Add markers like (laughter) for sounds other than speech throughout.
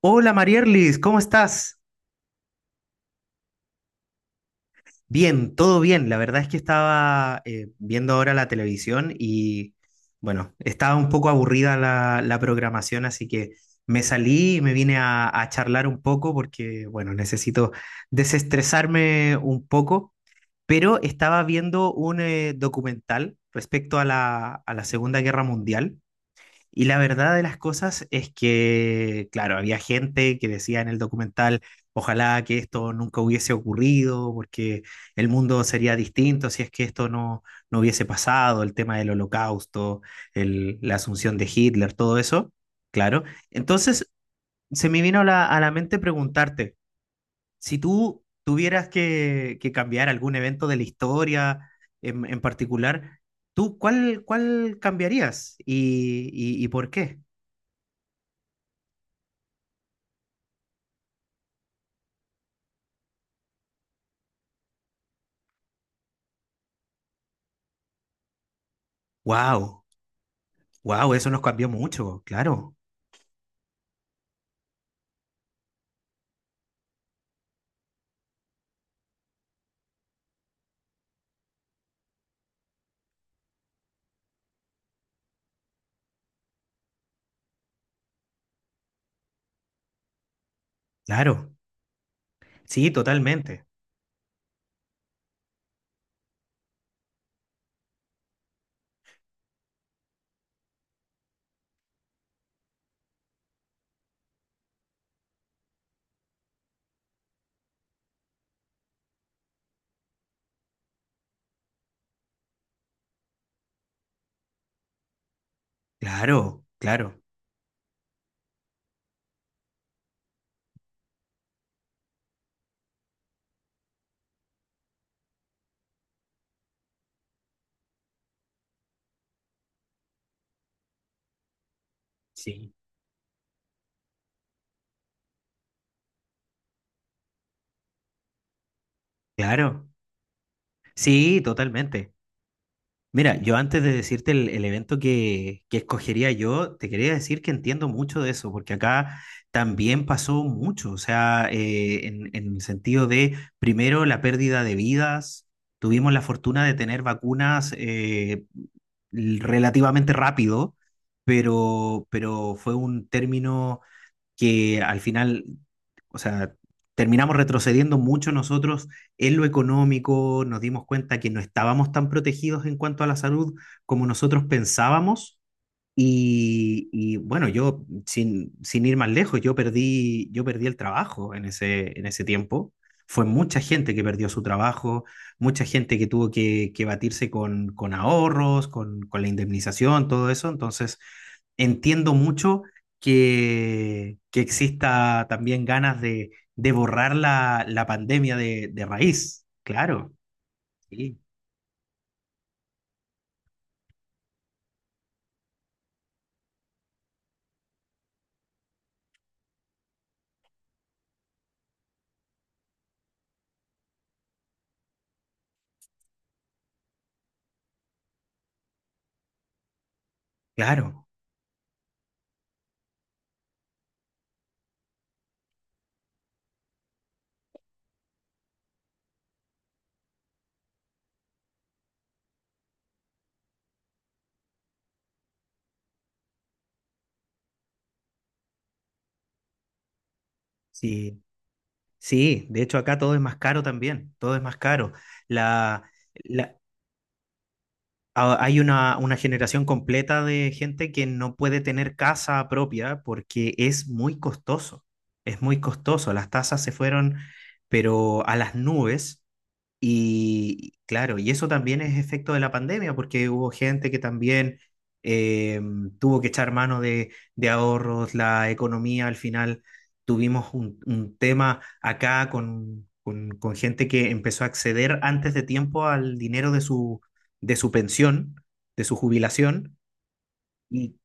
Hola Marierlis, ¿cómo estás? Bien, todo bien. La verdad es que estaba viendo ahora la televisión y bueno, estaba un poco aburrida la programación, así que me salí y me vine a charlar un poco porque bueno, necesito desestresarme un poco, pero estaba viendo un documental respecto a la Segunda Guerra Mundial. Y la verdad de las cosas es que, claro, había gente que decía en el documental, ojalá que esto nunca hubiese ocurrido, porque el mundo sería distinto si es que esto no hubiese pasado, el tema del holocausto, la asunción de Hitler, todo eso, claro. Entonces, se me vino a la mente preguntarte, si tú tuvieras que cambiar algún evento de la historia en particular, ¿tú cuál cambiarías y, y por qué? Wow, wow, eso nos cambió mucho, claro, claro, sí, totalmente, claro, claro, sí, claro, sí, totalmente. Mira, yo antes de decirte el evento que escogería yo, te quería decir que entiendo mucho de eso, porque acá también pasó mucho, o sea, en el sentido de, primero, la pérdida de vidas, tuvimos la fortuna de tener vacunas relativamente rápido, pero fue un término que al final, o sea, terminamos retrocediendo mucho nosotros en lo económico, nos dimos cuenta que no estábamos tan protegidos en cuanto a la salud como nosotros pensábamos. Y, bueno, yo, sin ir más lejos, yo perdí el trabajo en ese tiempo. Fue mucha gente que perdió su trabajo, mucha gente que tuvo que batirse con ahorros, con la indemnización, todo eso. Entonces, entiendo mucho que exista también ganas de borrar la pandemia de raíz. Claro, sí, claro. Sí, sí. De hecho, acá todo es más caro también. Todo es más caro. La, la- hay una generación completa de gente que no puede tener casa propia porque es muy costoso. Es muy costoso. Las tasas se fueron, pero a las nubes. Y claro, y eso también es efecto de la pandemia, porque hubo gente que también eh, tuvo que echar mano de ahorros, la economía, al final tuvimos un tema acá con gente que empezó a acceder antes de tiempo al dinero de sus de su pensión, de su jubilación, y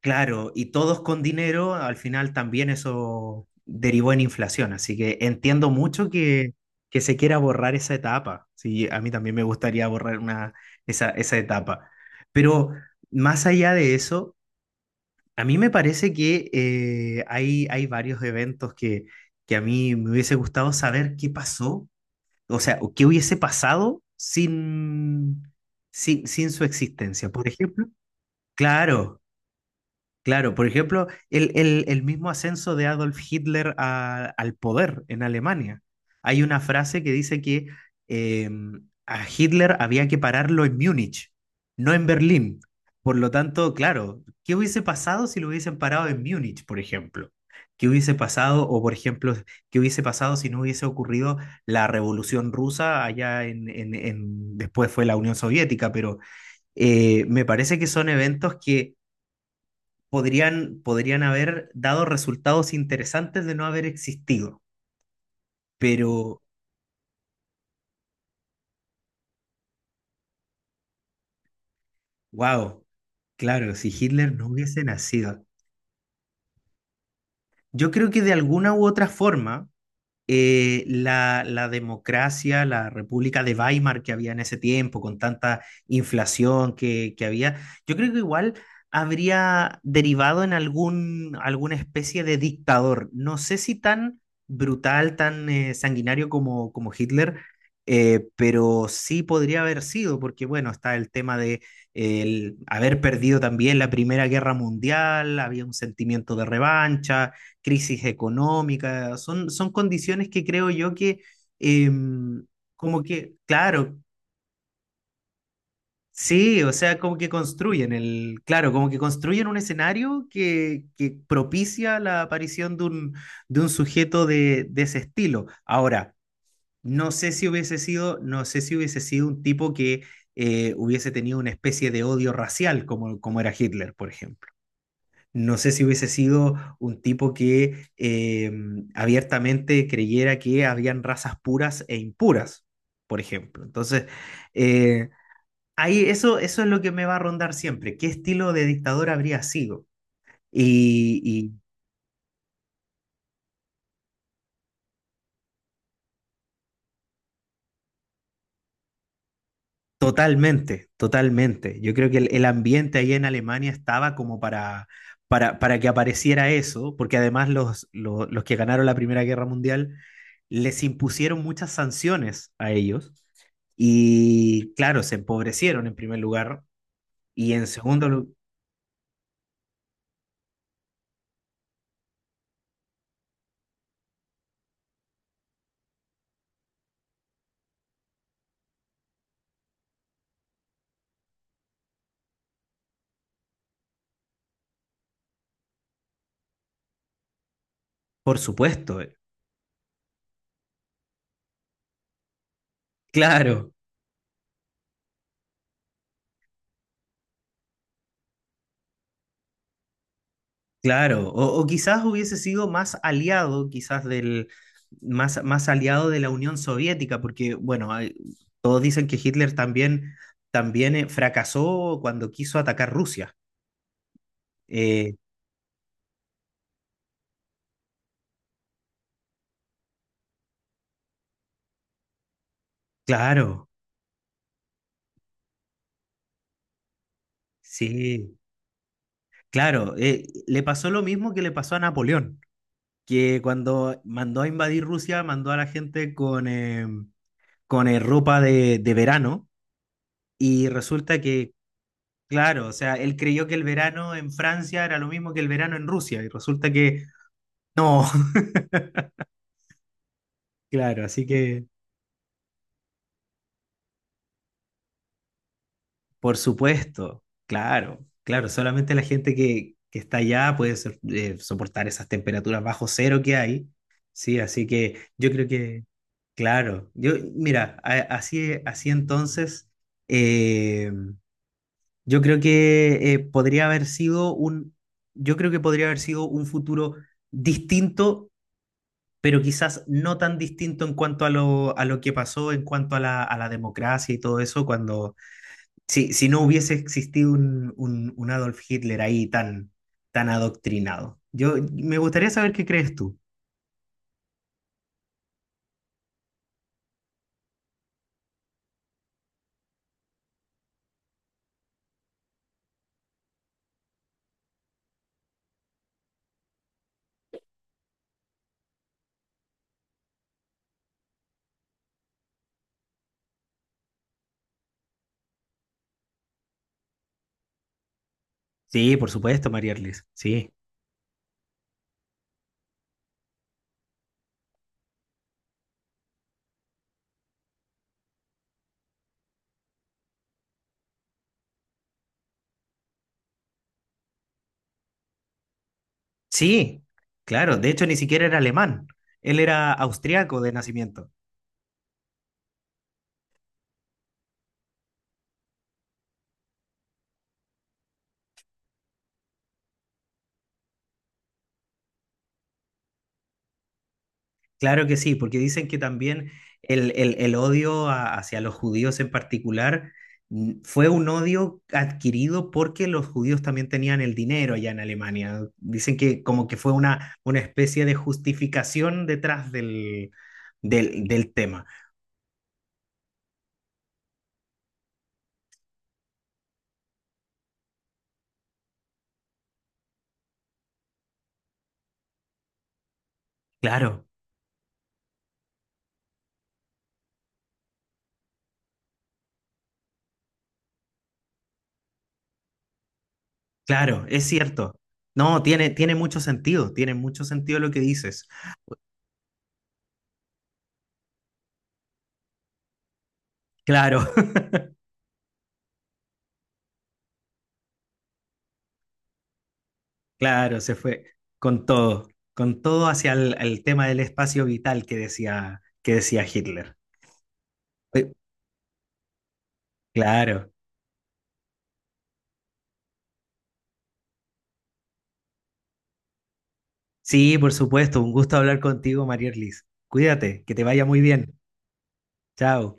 claro, y todos con dinero, al final también eso derivó en inflación, así que entiendo mucho que se quiera borrar esa etapa, sí, a mí también me gustaría borrar una, esa etapa, pero más allá de eso, a mí me parece que hay varios eventos que a mí me hubiese gustado saber qué pasó, o sea, o qué hubiese pasado sin, sin su existencia. Por ejemplo, claro. Claro, por ejemplo, el mismo ascenso de Adolf Hitler al poder en Alemania. Hay una frase que dice que eh, a Hitler había que pararlo en Múnich, no en Berlín. Por lo tanto, claro, ¿qué hubiese pasado si lo hubiesen parado en Múnich, por ejemplo? ¿Qué hubiese pasado, o por ejemplo, qué hubiese pasado si no hubiese ocurrido la Revolución Rusa allá en, después fue la Unión Soviética? Pero me parece que son eventos que podrían haber dado resultados interesantes de no haber existido. Pero, wow, claro, si Hitler no hubiese nacido, yo creo que de alguna u otra forma la democracia, la República de Weimar que había en ese tiempo, con tanta inflación que había, yo creo que igual habría derivado en algún, alguna especie de dictador. No sé si tan brutal, tan sanguinario como, como Hitler, pero sí podría haber sido, porque bueno, está el tema de el haber perdido también la Primera Guerra Mundial, había un sentimiento de revancha, crisis económica, son condiciones que creo yo que, em, como que, claro, sí, o sea, como que construyen claro, como que construyen un escenario que propicia la aparición de un sujeto de ese estilo. Ahora, no sé si hubiese sido, no sé si hubiese sido un tipo que hubiese tenido una especie de odio racial como, como era Hitler, por ejemplo. No sé si hubiese sido un tipo que abiertamente creyera que habían razas puras e impuras, por ejemplo. Entonces, eh, ahí eso, eso es lo que me va a rondar siempre. ¿Qué estilo de dictador habría sido? Y, totalmente, totalmente. Yo creo que el ambiente ahí en Alemania estaba como para, para que apareciera eso, porque además los, que ganaron la Primera Guerra Mundial les impusieron muchas sanciones a ellos y claro, se empobrecieron en primer lugar y en segundo, por supuesto, claro. Claro, o quizás hubiese sido más aliado, quizás del, más, más aliado de la Unión Soviética, porque, bueno, todos dicen que Hitler también, también fracasó cuando quiso atacar Rusia. Eh, claro, sí, claro, le pasó lo mismo que le pasó a Napoleón, que cuando mandó a invadir Rusia, mandó a la gente con, ropa de verano. Y resulta que claro, o sea, él creyó que el verano en Francia era lo mismo que el verano en Rusia y resulta que no, (laughs) claro, así que por supuesto, claro, claro, solamente la gente que está allá puede soportar esas temperaturas bajo cero que hay, sí, así que yo creo que, claro, yo, mira, así, así entonces, eh, yo creo que podría haber sido un, yo creo que podría haber sido un futuro distinto, pero quizás no tan distinto en cuanto a lo que pasó, en cuanto a a la democracia y todo eso, cuando si, si no hubiese existido un, un Adolf Hitler ahí tan, tan adoctrinado. Yo me gustaría saber qué crees tú. Sí, por supuesto, María Erlis. Sí, sí, claro. De hecho, ni siquiera era alemán. Él era austriaco de nacimiento. Claro que sí, porque dicen que también el odio hacia los judíos en particular fue un odio adquirido porque los judíos también tenían el dinero allá en Alemania. Dicen que como que fue una especie de justificación detrás del, del tema. Claro, claro, es cierto. No, tiene, tiene mucho sentido lo que dices. Claro. Claro, se fue con todo, con todo hacia el tema del espacio vital que decía Hitler. Eh, Claro. Sí, por supuesto, un gusto hablar contigo, María Erlis. Cuídate, que te vaya muy bien. Chao.